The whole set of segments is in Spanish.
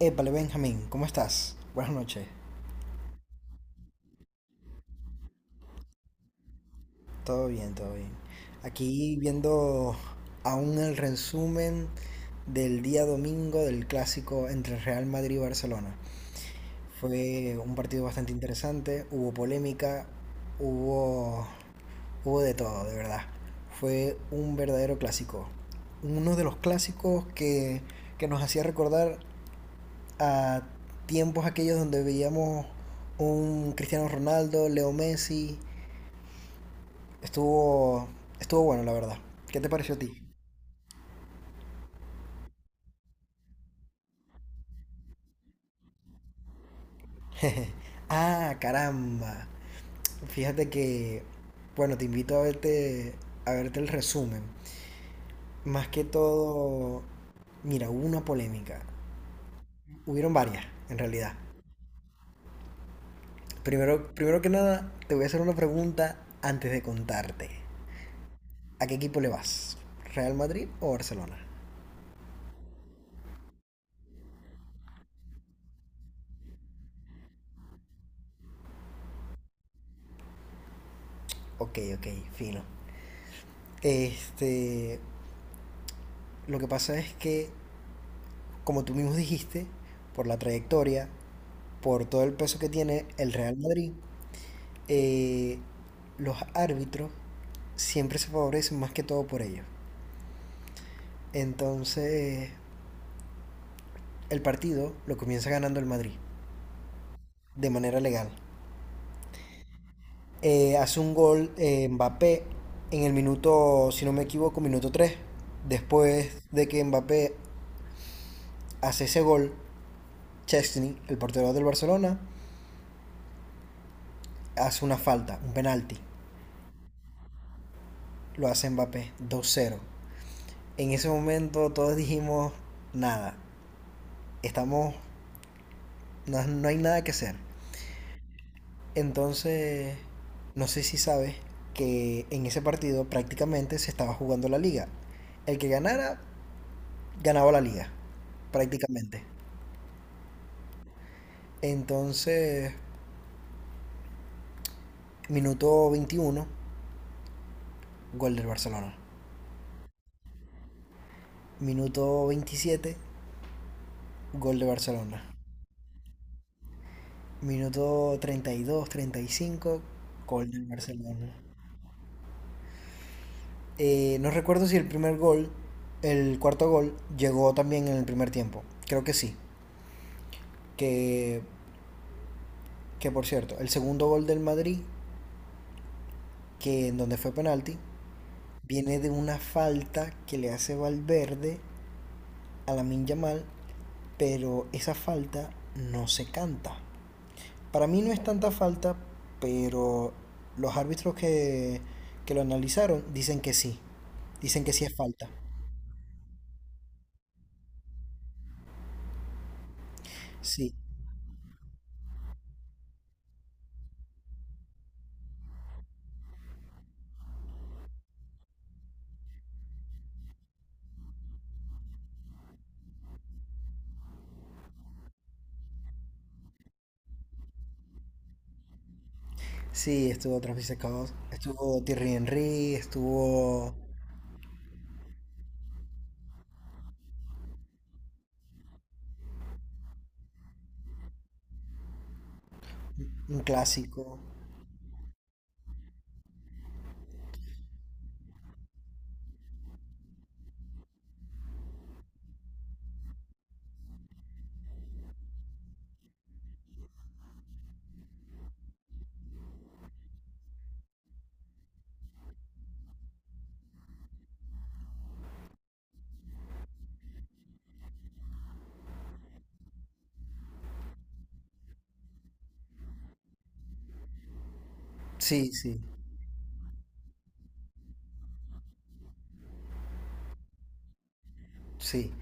Épale, Benjamín, ¿cómo estás? Buenas noches. Todo bien, todo bien. Aquí viendo aún el resumen del día domingo del clásico entre Real Madrid y Barcelona. Fue un partido bastante interesante, hubo polémica, hubo, hubo de todo, de verdad. Fue un verdadero clásico. Uno de los clásicos que nos hacía recordar a tiempos aquellos donde veíamos un Cristiano Ronaldo, Leo Messi. Estuvo, Estuvo bueno, la verdad. ¿Qué te pareció a ti? Caramba. Fíjate que, bueno, te invito a a verte el resumen. Más que todo, mira, hubo una polémica. Hubieron varias, en realidad. Primero que nada, te voy a hacer una pregunta antes de contarte. ¿A qué equipo le vas? ¿Real Madrid o Barcelona? Ok, ok, fino. Este, lo que pasa es que, como tú mismo dijiste, por la trayectoria, por todo el peso que tiene el Real Madrid, eh, los árbitros siempre se favorecen más que todo por ellos. Entonces, el partido lo comienza ganando el Madrid, de manera legal. Hace un gol Mbappé en el minuto, si no me equivoco, minuto tres. Después de que Mbappé hace ese gol, Chesney, el portero del Barcelona, hace una falta, un penalti. Lo hace Mbappé dos cero. En ese momento todos dijimos, nada, estamos, no hay nada que hacer. Entonces, no sé si sabes que en ese partido prácticamente se estaba jugando la liga. El que ganara, ganaba la liga, prácticamente. Entonces, minuto 21, gol del Barcelona. Minuto 27, gol de Barcelona. Minuto 32, 35, gol del Barcelona. No recuerdo si el primer gol, el cuarto gol, llegó también en el primer tiempo. Creo que sí. Que, que, por cierto, el segundo gol del Madrid, que en donde fue penalti, viene de una falta que le hace Valverde a la Yamal, pero esa falta no se canta. Para mí no es tanta falta, pero los árbitros que lo analizaron dicen que sí. Dicen que sí es falta. Sí. Sí, estuvo Travis Scott, estuvo Thierry Henry, estuvo un clásico. Sí, sí, sí,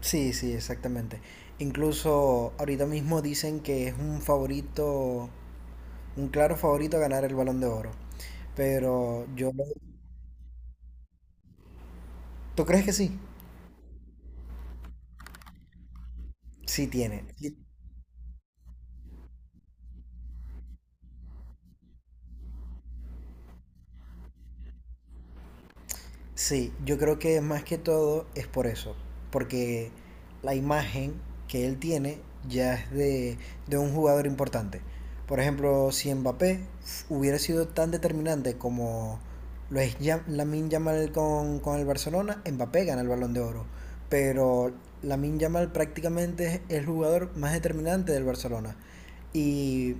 sí, sí, exactamente. Incluso ahorita mismo dicen que es un favorito, un claro favorito a ganar el Balón de Oro. Pero yo lo... ¿Tú crees que sí? Sí tiene. Sí, sí, yo creo que más que todo es por eso, porque la imagen que él tiene ya es de un jugador importante. Por ejemplo, si Mbappé hubiera sido tan determinante como lo es Yam- Lamine Yamal con el Barcelona, Mbappé gana el Balón de Oro. Pero Lamine Yamal prácticamente es el jugador más determinante del Barcelona. Y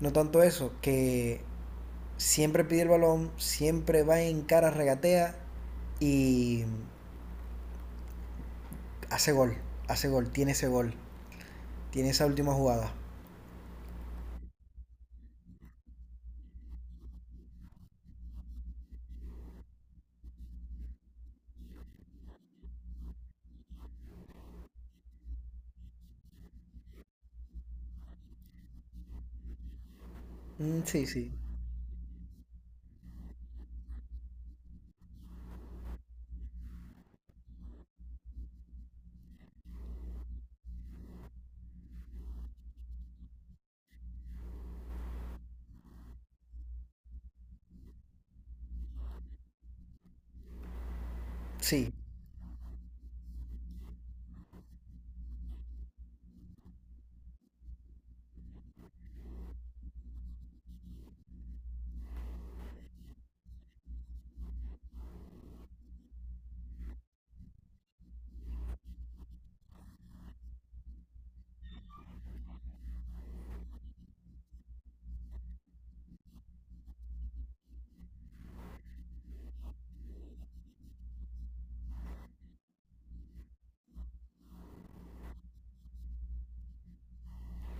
no tanto eso, que siempre pide el balón, siempre va en cara, regatea y hace gol, hace gol, tiene ese gol, tiene esa última jugada. Mm, sí, sí, sí.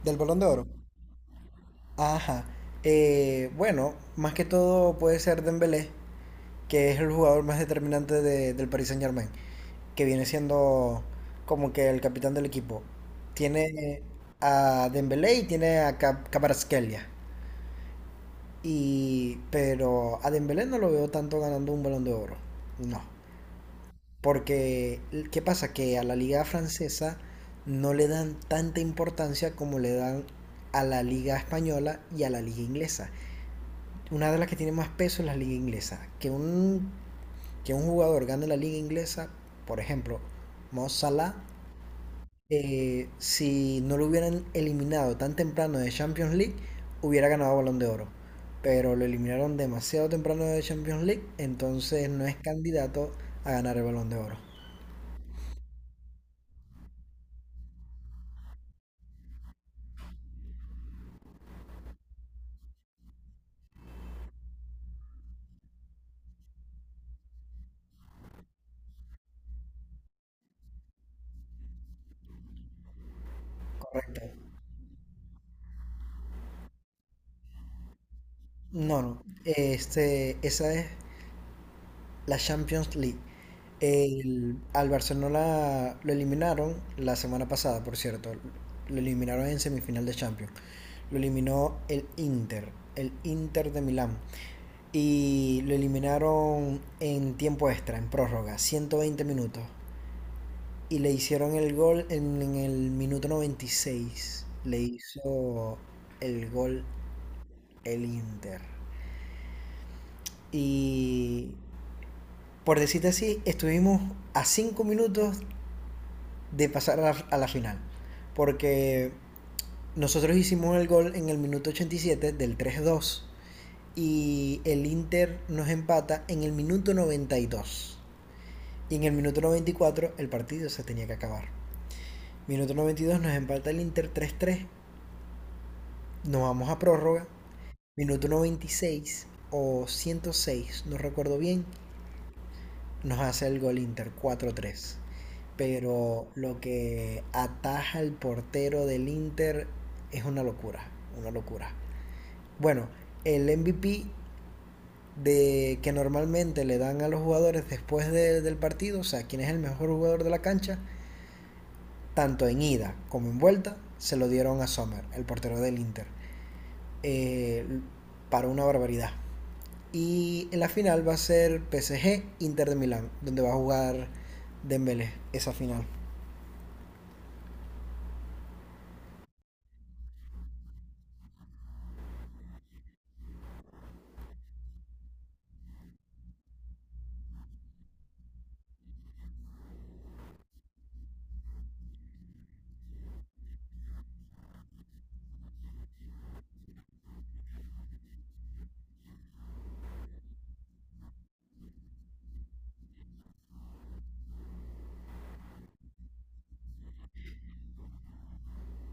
¿Del balón de oro? Ajá. Bueno, más que todo puede ser Dembélé, que es el jugador más determinante del Paris Saint-Germain, que viene siendo como que el capitán del equipo. Tiene a Dembélé y tiene a Cap Kvaratskhelia. Y, pero a Dembélé no lo veo tanto ganando un balón de oro. No. Porque, ¿qué pasa? Que a la liga francesa no le dan tanta importancia como le dan a la liga española y a la liga inglesa. Una de las que tiene más peso es la liga inglesa. Que un jugador gane la liga inglesa, por ejemplo, Mo Salah, si no lo hubieran eliminado tan temprano de Champions League, hubiera ganado Balón de Oro. Pero lo eliminaron demasiado temprano de Champions League, entonces no es candidato a ganar el Balón de Oro. Correcto. No, no. Esa es la Champions League. Al Barcelona lo eliminaron la semana pasada, por cierto. Lo eliminaron en semifinal de Champions. Lo eliminó el Inter de Milán. Y lo eliminaron en tiempo extra, en prórroga, 120 minutos. Y le hicieron el gol en el minuto 96. Le hizo el gol el Inter. Y por decirte así, estuvimos a 5 minutos de pasar a a la final. Porque nosotros hicimos el gol en el minuto 87 del 3-2 y el Inter nos empata en el minuto 92. Y en el minuto 94 el partido se tenía que acabar. Minuto 92 nos empata el Inter 3-3. Nos vamos a prórroga. Minuto 96 o 106, no recuerdo bien, nos hace el gol Inter 4-3. Pero lo que ataja el portero del Inter es una locura, una locura. Bueno, el MVP de que normalmente le dan a los jugadores después del partido, o sea, quién es el mejor jugador de la cancha, tanto en ida como en vuelta, se lo dieron a Sommer, el portero del Inter. Eh, para una barbaridad. Y en la final va a ser PSG Inter de Milán, donde va a jugar Dembélé esa final.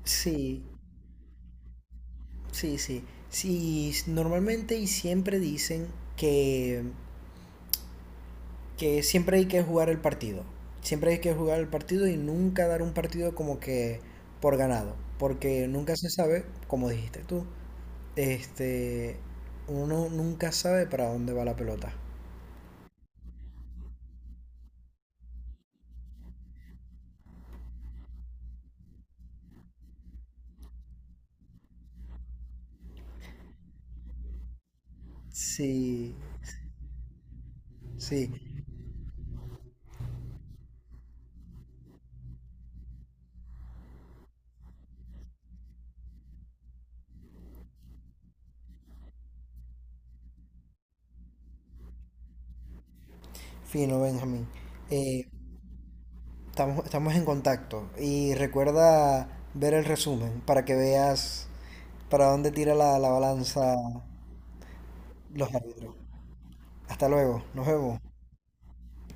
Sí, sí, sí. Sí, normalmente y siempre dicen que, que siempre hay que jugar el partido. Siempre hay que jugar el partido y nunca dar un partido como que por ganado, porque nunca se sabe, como dijiste tú. Este, Uno nunca sabe para dónde va la pelota. Sí, sí, fino, Benjamín. Eh, estamos, estamos en contacto y recuerda ver el resumen para que veas para dónde tira la balanza los árbitros. Hasta luego, nos vemos.